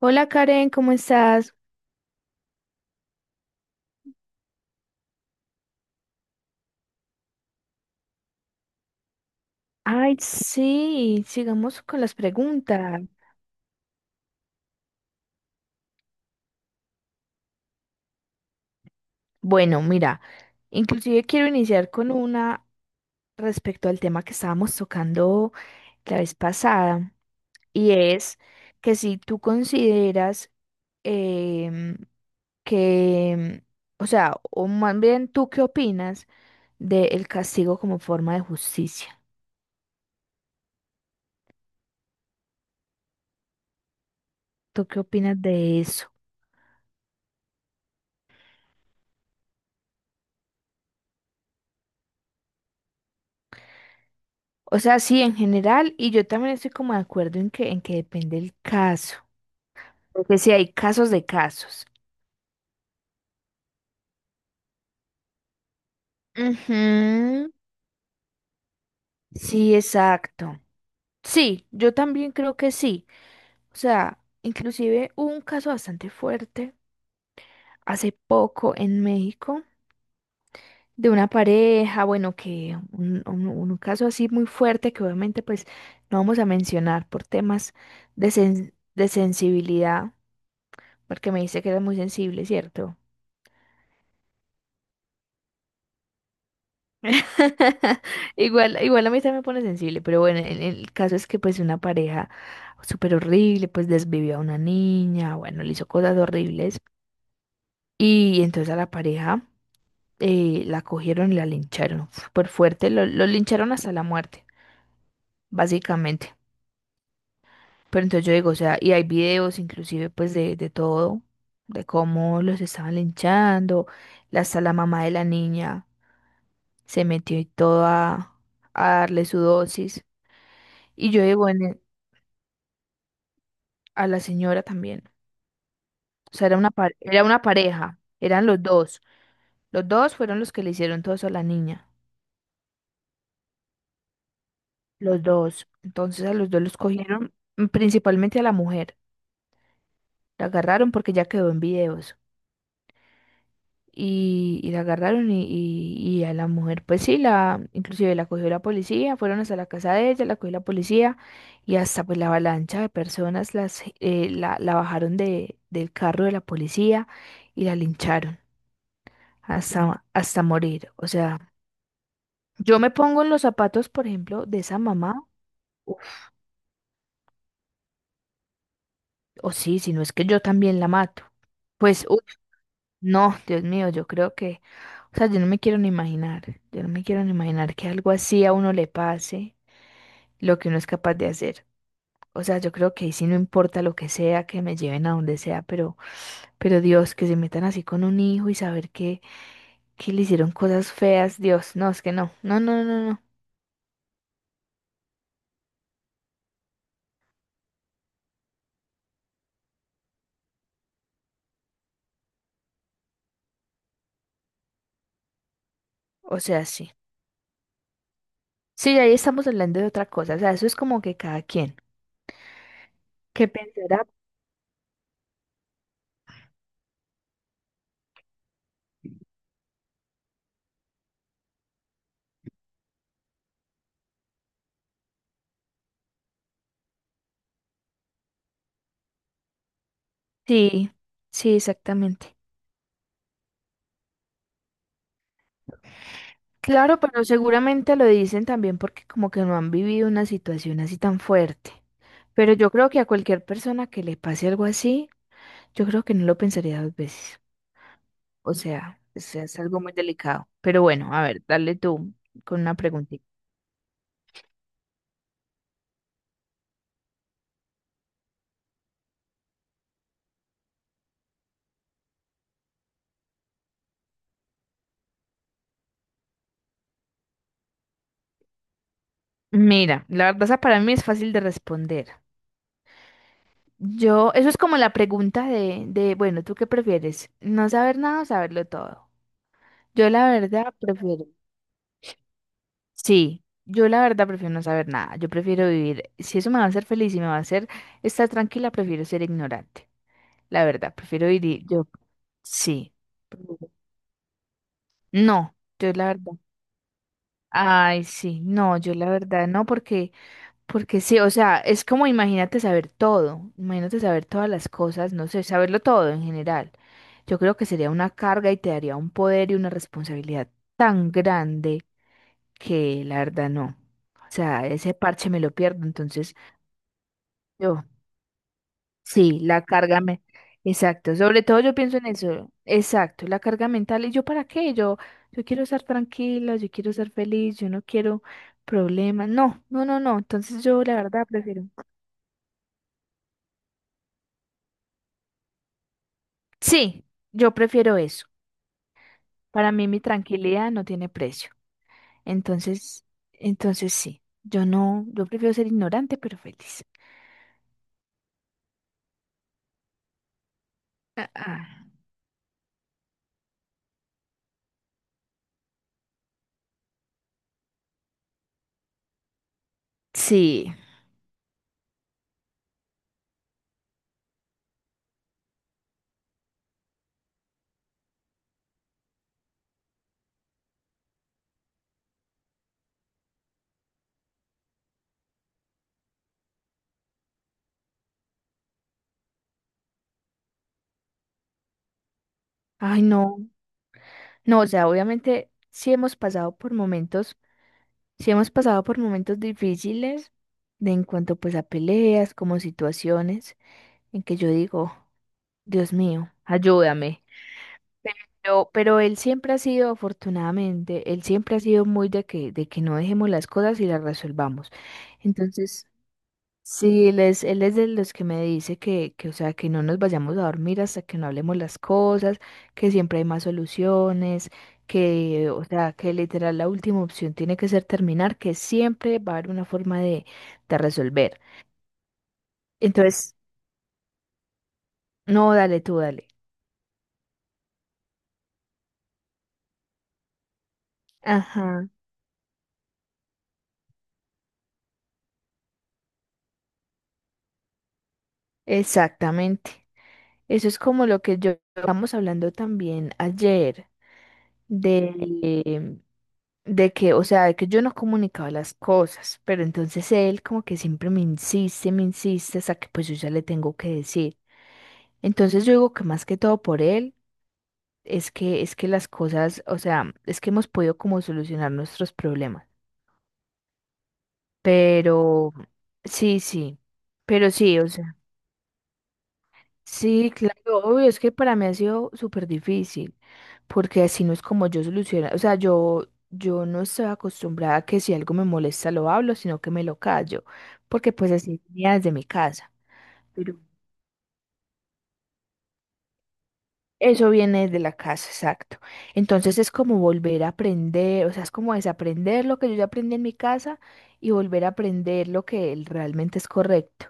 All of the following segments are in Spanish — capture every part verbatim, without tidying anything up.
Hola Karen, ¿cómo estás? Ay, sí, sigamos con las preguntas. Bueno, mira, inclusive quiero iniciar con una respecto al tema que estábamos tocando la vez pasada, y es que si tú consideras em, que, o sea, o más bien tú qué opinas del castigo como forma de justicia. ¿Tú qué opinas de eso? O sea, sí, en general, y yo también estoy como de acuerdo en que, en que depende el caso. Porque sí hay casos de casos. Ujú. Sí, exacto. Sí, yo también creo que sí. O sea, inclusive hubo un caso bastante fuerte hace poco en México de una pareja, bueno, que un, un- un caso así muy fuerte que obviamente pues no vamos a mencionar por temas de, sen- de sensibilidad, porque me dice que era muy sensible, ¿cierto? Igual, igual a mí también me pone sensible, pero bueno, el, el caso es que pues una pareja súper horrible, pues desvivió a una niña, bueno, le hizo cosas horribles y entonces a la pareja eh, la cogieron y la lincharon súper fuerte, lo, lo lincharon hasta la muerte, básicamente. Pero entonces yo digo, o sea, y hay videos inclusive pues de, de todo, de cómo los estaban linchando, la- hasta la mamá de la niña se metió y todo a a darle su dosis. Y yo digo en el- a la señora también. O sea, era una, par- era una pareja, eran los dos. Los dos fueron los que le hicieron todo eso a la niña. Los dos. Entonces a los dos los cogieron, mm, principalmente a la mujer. La agarraron porque ya quedó en videos. Y, y la agarraron y, y, y a la mujer, pues sí, la, inclusive la cogió la policía, fueron hasta la casa de ella, la cogió la policía y hasta pues la avalancha de personas las, eh, la, la bajaron de, del carro de la policía y la lincharon. Hasta, hasta morir. O sea, yo me pongo en los zapatos, por ejemplo, de esa mamá, uf, o sí, si no es que yo también la mato. Pues, uf, no, Dios mío, yo creo que, o sea, yo no me quiero ni imaginar, yo no me quiero ni imaginar que algo así a uno le pase, lo que uno es capaz de hacer. O sea, yo creo que ahí sí no importa lo que sea, que me lleven a donde sea, pero, pero Dios, que se metan así con un hijo y saber que, que le hicieron cosas feas, Dios, no, es que no, no, no, no, no. O sea, sí. Sí, ahí estamos hablando de otra cosa, o sea, eso es como que cada quien. ¿Qué pensará? Sí, sí, exactamente. Claro, pero seguramente lo dicen también porque como que no han vivido una situación así tan fuerte. Pero yo creo que a cualquier persona que le pase algo así, yo creo que no lo pensaría dos veces. O sea, es, es algo muy delicado. Pero bueno, a ver, dale tú con una preguntita. Mira, la verdad esa para mí es fácil de responder. Yo, eso es como la pregunta de, de, bueno, ¿tú qué prefieres? ¿No saber nada o saberlo todo? Yo la verdad prefiero. Sí, yo la verdad prefiero no saber nada. Yo prefiero vivir, si eso me va a hacer feliz y me va a hacer estar tranquila, prefiero ser ignorante. La verdad, prefiero vivir, yo, sí, no, yo la verdad. Ay, sí, no, yo la verdad no, porque, porque sí, o sea, es como imagínate saber todo, imagínate saber todas las cosas, no sé, saberlo todo en general. Yo creo que sería una carga y te daría un poder y una responsabilidad tan grande que la verdad no. O sea, ese parche me lo pierdo, entonces yo. Sí, la carga mental. Exacto, sobre todo yo pienso en eso. Exacto, la carga mental. ¿Y yo para qué? Yo, yo quiero estar tranquila, yo quiero ser feliz, yo no quiero problemas. No, no, no, no. Entonces yo la verdad prefiero. Sí, yo prefiero eso. Para mí mi tranquilidad no tiene precio. Entonces, entonces sí, yo no, yo prefiero ser ignorante pero feliz. Ah, ah, sí, ay no, no, o sea, obviamente sí hemos pasado por momentos. Si hemos pasado por momentos difíciles de en cuanto pues a peleas, como situaciones en que yo digo, Dios mío, ayúdame. Pero, pero él siempre ha sido, afortunadamente, él siempre ha sido muy de que, de que no dejemos las cosas y las resolvamos. Entonces, sí, él es, él es de los que me dice que, que, o sea, que no nos vayamos a dormir hasta que no hablemos las cosas, que siempre hay más soluciones, que, o sea, que literal la última opción tiene que ser terminar, que siempre va a haber una forma de, de resolver. Entonces, no, dale tú, dale. Ajá, exactamente. Eso es como lo que yo estábamos hablando también ayer. Sí, de, de que, o sea, de que yo no comunicaba las cosas, pero entonces él como que siempre me insiste, me insiste hasta que pues yo ya le tengo que decir. Entonces yo digo que más que todo por él es que es que las cosas, o sea, es que hemos podido como solucionar nuestros problemas. Pero sí, sí. Pero sí, o sea, sí, claro, obvio, es que para mí ha sido súper difícil, porque así no es como yo soluciono, o sea, yo, yo no estoy acostumbrada a que si algo me molesta lo hablo, sino que me lo callo, porque pues así venía desde mi casa, pero eso viene de la casa, exacto. Entonces es como volver a aprender, o sea, es como desaprender lo que yo ya aprendí en mi casa y volver a aprender lo que el- realmente es correcto,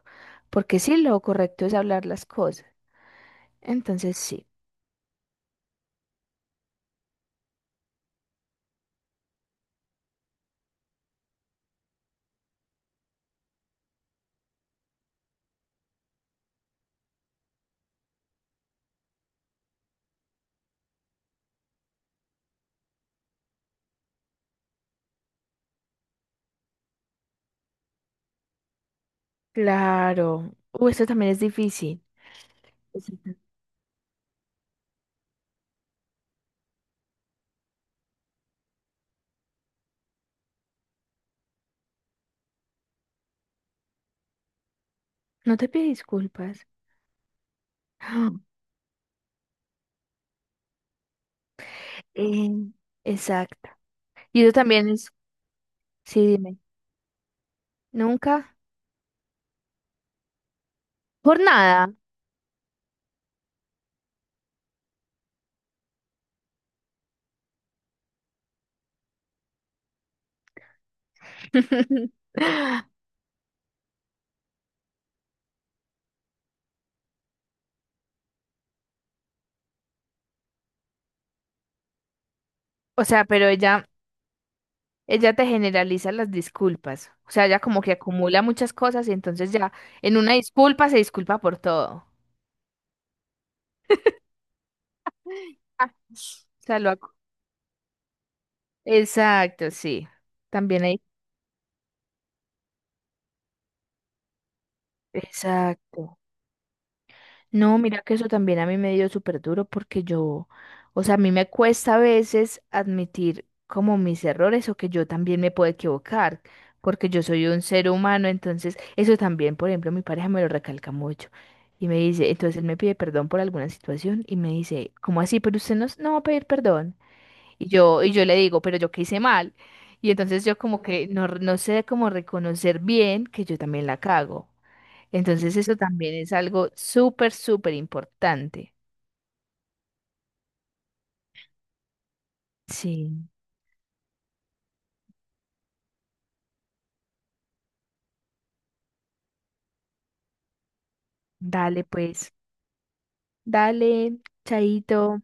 porque sí, lo correcto es hablar las cosas, entonces sí. Claro. Uh, esto también es difícil. Exacto. No te pide disculpas. Ah, eh, exacto. Y eso también es, sí, dime, nunca, por nada. O sea, pero ella, ella te generaliza las disculpas. O sea, ella como que acumula muchas cosas y entonces ya en una disculpa se disculpa por todo. O sea, lo acu- exacto, sí. También hay. Exacto. No, mira que eso también a mí me dio súper duro porque yo, o sea, a mí me cuesta a veces admitir como mis errores o que yo también me puedo equivocar, porque yo soy un ser humano, entonces eso también, por ejemplo, mi pareja me lo recalca mucho y me dice, entonces él me pide perdón por alguna situación y me dice, ¿cómo así? Pero usted no, s- no va a pedir perdón. Y yo, y yo le digo, pero yo qué hice mal. Y entonces yo como que no, no sé cómo reconocer bien que yo también la cago. Entonces eso también es algo súper, súper importante. Sí, dale pues, dale, chaito.